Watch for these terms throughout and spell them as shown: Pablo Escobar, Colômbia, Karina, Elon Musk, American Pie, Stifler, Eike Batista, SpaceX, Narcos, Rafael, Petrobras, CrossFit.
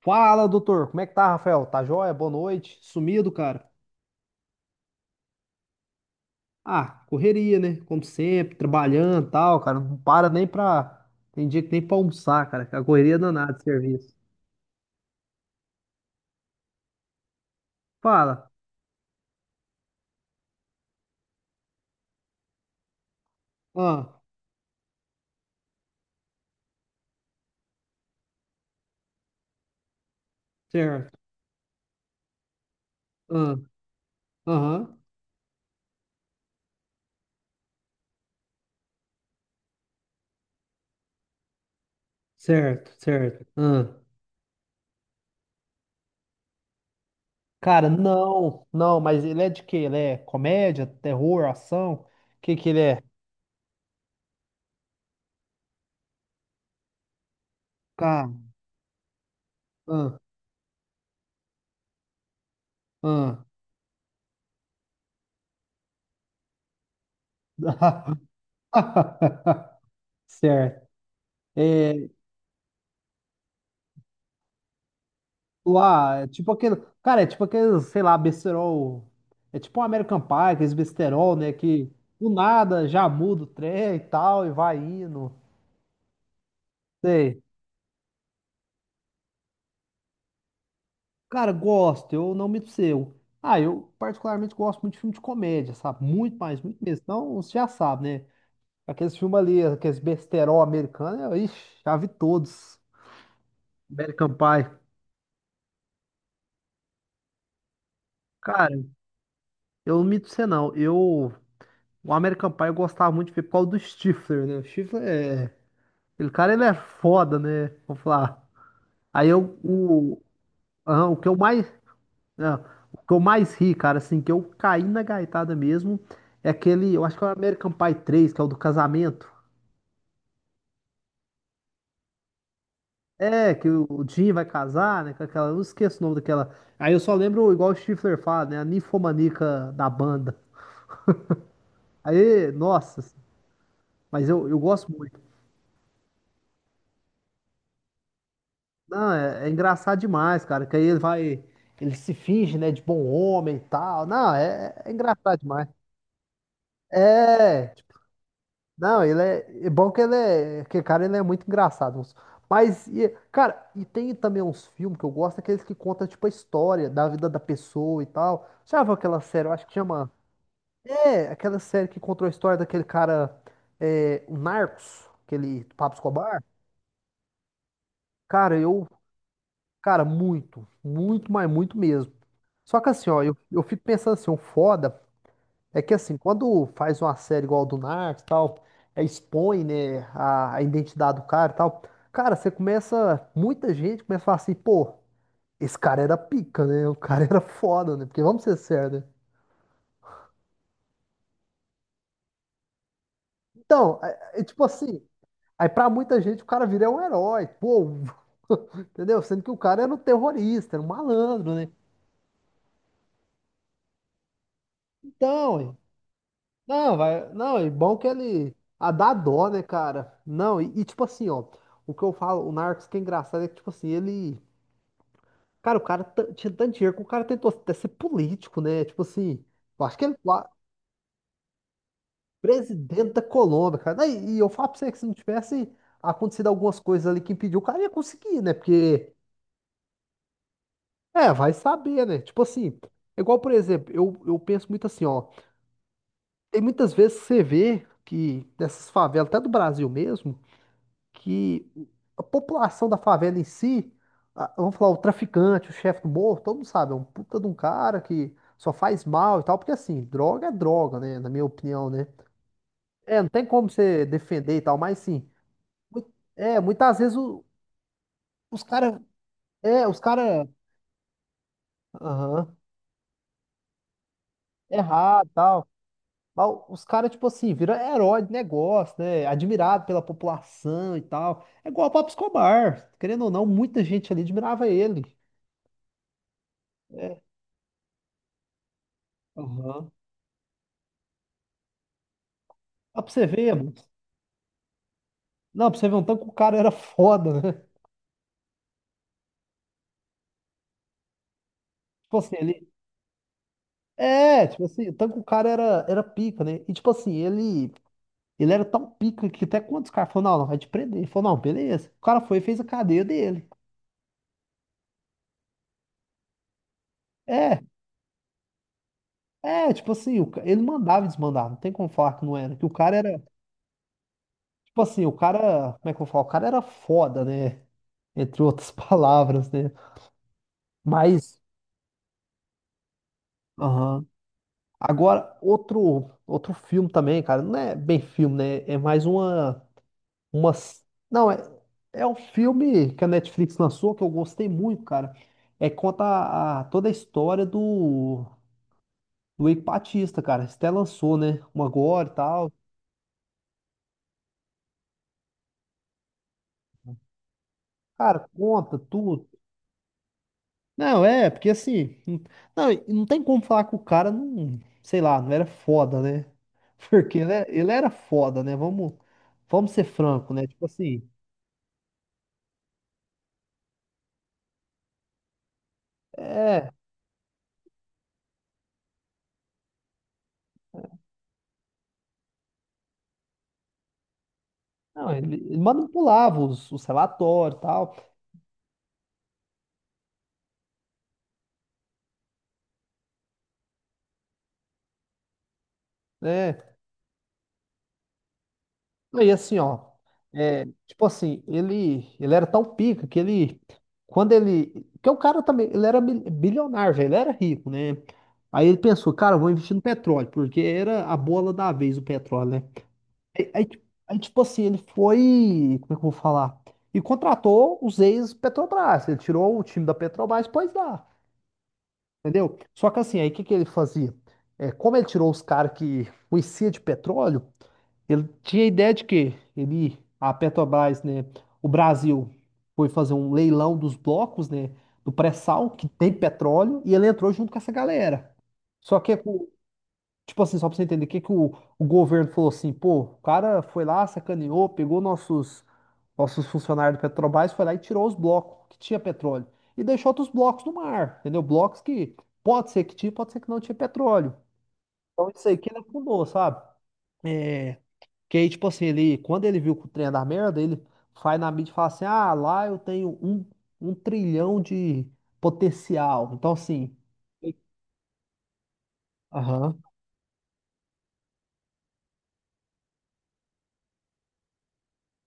Fala, doutor. Como é que tá, Rafael? Tá joia? Boa noite. Sumido, cara? Ah, correria, né? Como sempre, trabalhando e tal, cara. Não para nem pra. Tem dia que nem pra almoçar, cara. Que A correria é danada de serviço. Fala. Ah, certo. Ah, aham. Certo, certo. Ah. Cara, não, mas ele é de quê? Ele é comédia, terror, ação? O que que ele é? Cara, ah, ah. Certo. Lá, é tipo aquele. Cara, é tipo aquele, sei lá, besterol. É tipo um American Pie, aqueles besterol, né? Que do nada já muda o trem e tal, e vai indo. Sei. Cara, gosto, eu não me seu. Ah, eu particularmente gosto muito de filme de comédia, sabe? Muito mais, muito mesmo. Então, você já sabe, né? Aqueles filmes ali, aqueles besterol americanos, eu, ixi, já vi todos. American Pie. Cara, eu não mito você não. Eu. O American Pie eu gostava muito de ver por causa do Stifler, né? O Stifler é. Aquele cara, ele é foda, né? Vou falar. Aí eu, o, ah, ah, o que eu mais ri, cara, assim, que eu caí na gaitada mesmo, é aquele, eu acho que é o American Pie 3 que é o do casamento. É, que o Jim vai casar, né? Com aquela, eu não esqueço o nome daquela. Aí eu só lembro, igual o Stifler fala, né? A ninfomaníaca da banda. Aí, nossa, mas eu gosto muito. Não, é, é engraçado demais, cara, que aí ele vai, ele se finge, né, de bom homem e tal. Não, é, é engraçado demais. É, tipo, não, ele é, é bom que ele é, que cara, ele é muito engraçado. Mas, e, cara, e tem também uns filmes que eu gosto, aqueles que contam, tipo, a história da vida da pessoa e tal. Já viu aquela série, eu acho que chama, é, aquela série que contou a história daquele cara, é, o Narcos, aquele do Pablo Escobar. Cara, eu, cara, muito, muito mesmo. Só que assim, ó, eu fico pensando assim, o foda é que assim, quando faz uma série igual a do Narcos, e tal, é, expõe, né, a identidade do cara, e tal. Cara, você começa, muita gente começa a falar assim, pô, esse cara era pica, né? O cara era foda, né? Porque vamos ser sérios, né? Então, é, é tipo assim, aí pra muita gente o cara vira um herói, pô, entendeu? Sendo que o cara era um terrorista, era um malandro, né? Então, não, vai. Não, e bom que ele. A dá dó, né, cara? Não, e tipo assim, ó. O que eu falo, o Narcos que é engraçado é que, tipo assim, ele. Cara, tinha tanto dinheiro que o cara tentou até ser político, né? Tipo assim, eu acho que ele. Lá, Presidente da Colômbia, cara. Não, e eu falo pra você que se não tivesse acontecido algumas coisas ali que impediu, o cara ia conseguir, né? Porque. É, vai saber, né? Tipo assim. É igual, por exemplo, eu penso muito assim, ó. Tem muitas vezes que você vê que nessas favelas, até do Brasil mesmo. Que a população da favela em si, a- vamos falar, o traficante, o chefe do morro, todo mundo sabe, é um puta de um cara que só faz mal e tal, porque assim, droga é droga, né? Na minha opinião, né? É, não tem como você defender e tal, mas sim. É, muitas vezes os caras. É, os caras. Aham. Errado e tal. Mas os caras, tipo assim, viram herói de negócio, né? Admirado pela população e tal. É igual o Pablo Escobar. Querendo ou não, muita gente ali admirava ele. É. Aham. Ah, pra você ver, mano. Não, pra você ver, um tanque o cara era foda, né? Tipo assim, ele. É, tipo assim, o tanco o cara era, era pica, né? E tipo assim, ele. Ele era tão pica que até quando os caras falaram, não, vai te prender. Ele falou, não, beleza. O cara foi e fez a cadeia dele. É, é, tipo assim, ele mandava e desmandava, não tem como falar que não era. Que o cara era. Tipo assim, o cara. Como é que eu falo? O cara era foda, né? Entre outras palavras, né? Mas. Aham. Agora, outro filme também, cara. Não é bem filme, né? É mais uma. Uma... Não, é, é um filme que a Netflix lançou que eu gostei muito, cara. É conta a, toda a história do, do Eike Batista, cara. Você até lançou, né? Uma agora e tal. Cara, conta tudo. Não, é, porque assim. Não, não, e não tem como falar que o cara não. Sei lá, não era foda, né? Porque ele, ele era foda, né? Vamos ser franco, né? Tipo assim. É. Não, ele manipulava os relatórios e tal, né? Não, e assim, ó, é, tipo assim, ele era tão pica que ele, quando ele, que o cara também, ele era bilionário, velho, ele era rico, né? Aí ele pensou, cara, eu vou investir no petróleo, porque era a bola da vez o petróleo, né? Aí, tipo assim, ele foi, como é que eu vou falar? E contratou os ex-Petrobras, ele tirou o time da Petrobras, pois dá, entendeu? Só que assim, aí o que que ele fazia? É, como ele tirou os caras que conhecia de petróleo, ele tinha a ideia de que ele, a Petrobras, né, o Brasil foi fazer um leilão dos blocos, né, do pré-sal, que tem petróleo, e ele entrou junto com essa galera. Só que, tipo assim, só pra você entender, o que que o governo falou assim, pô, o cara foi lá, sacaneou, pegou nossos, nossos funcionários do Petrobras, foi lá e tirou os blocos que tinha petróleo. E deixou outros blocos no mar, entendeu? Blocos que pode ser que tinha, pode ser que não tinha petróleo. Então isso aí que ele afundou, sabe? É, que aí, tipo assim, ele, quando ele viu que o trem ia dar merda, ele vai na mídia e fala assim: ah, lá eu tenho um, um trilhão de potencial. Então, assim, aham.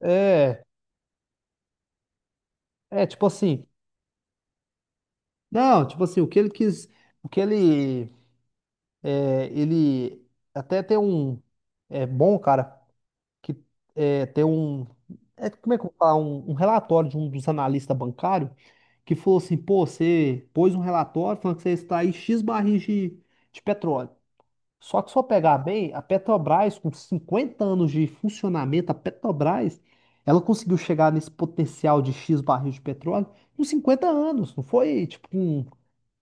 É, é, tipo assim, não, tipo assim, o que ele quis, o que ele, é, ele até tem um, é bom, cara, que é, tem um, é, como é que eu vou falar, um relatório de um dos analistas bancários que falou assim, pô, você pôs um relatório falando que você está aí X barris de petróleo. Só que se eu pegar bem, a Petrobras, com 50 anos de funcionamento, a Petrobras, ela conseguiu chegar nesse potencial de X barril de petróleo com 50 anos, não foi tipo com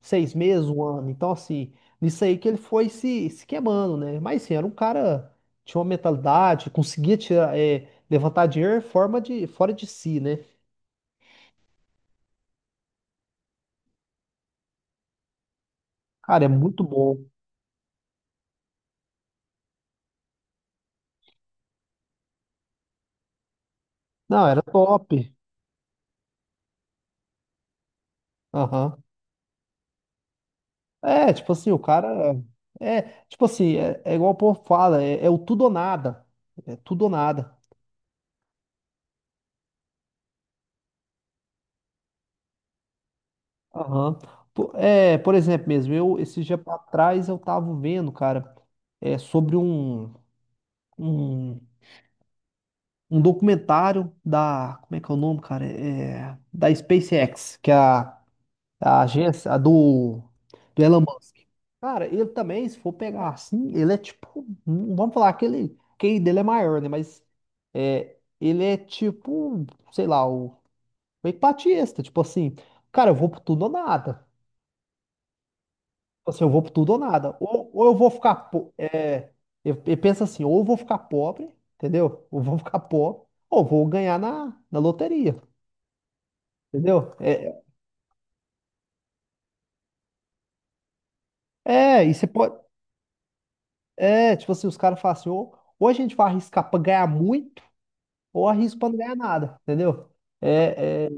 6 meses, um ano. Então, assim, nisso aí que ele foi se, se queimando, né? Mas, assim, era um cara, tinha uma mentalidade, conseguia tirar, é, levantar dinheiro em forma de, fora de si, né? Cara, é muito bom. Não, era top. Aham. É, tipo assim, o cara. É, tipo assim, é, é igual o povo fala, é, é o tudo ou nada. É tudo ou nada. Aham. É, por exemplo mesmo, eu, esse dia pra trás, eu tava vendo, cara, é, sobre um, um, um documentário da. Como é que é o nome, cara? É, da SpaceX, que é a agência a do, do Elon Musk. Cara, ele também, se for pegar assim, ele é tipo. Hum, vamos falar que ele. Que ele dele é maior, né? Mas é, ele é tipo, sei lá, o Epatiesta. Tipo assim, cara, eu vou pro tudo ou nada. Tipo assim, eu vou pro tudo ou nada. Ou eu vou ficar. É, eu penso assim, ou eu vou ficar pobre, entendeu? Ou vou ficar pobre, ou vou ganhar na, na loteria, entendeu? É, é, e você pode. É, tipo assim, os caras falam assim, ou a gente vai arriscar pra ganhar muito. Ou arrisco pra não ganhar nada, entendeu? É, é,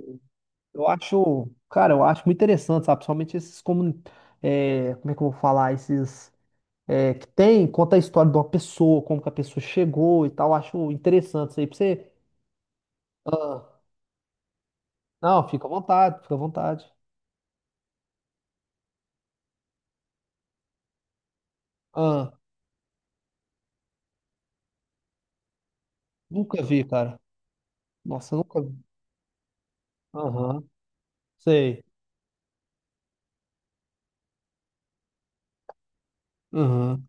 eu acho, cara, eu acho muito interessante, sabe? Principalmente esses como é que eu vou falar? Esses é, que tem, conta a história de uma pessoa, como que a pessoa chegou e tal. Eu acho interessante isso aí pra você. Ah, não, fica à vontade, fica à vontade. Ah, nunca vi, cara. Nossa, eu nunca vi. Aham, sei. Aham,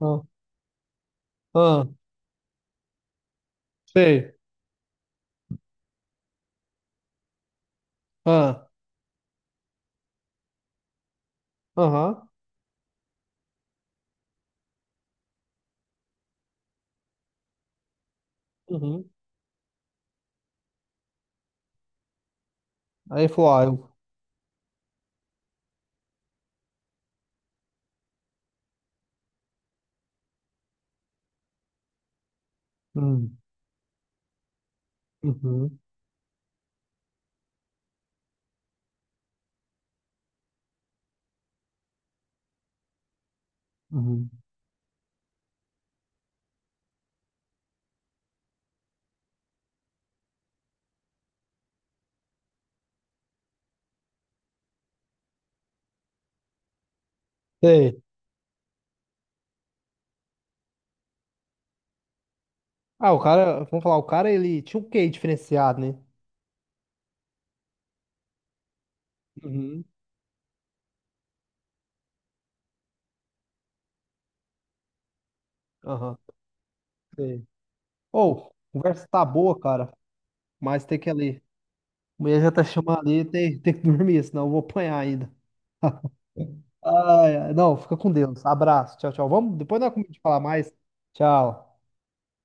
ah, ah, sei. Ah, aham, uhum. Aí ele falou, ah, eu. Hum, uhum, uhum. Sei. Ah, o cara, vamos falar, o cara ele tinha um quê diferenciado, né? Uhum. Aham. Sei. Ou, conversa tá boa, cara, mas tem que ir ali. A mulher já tá chamando ali, tem, tem que dormir, senão eu vou apanhar ainda. Ai, ai, não, fica com Deus. Abraço, tchau, tchau. Vamos, depois nós combinamos de falar mais. Tchau.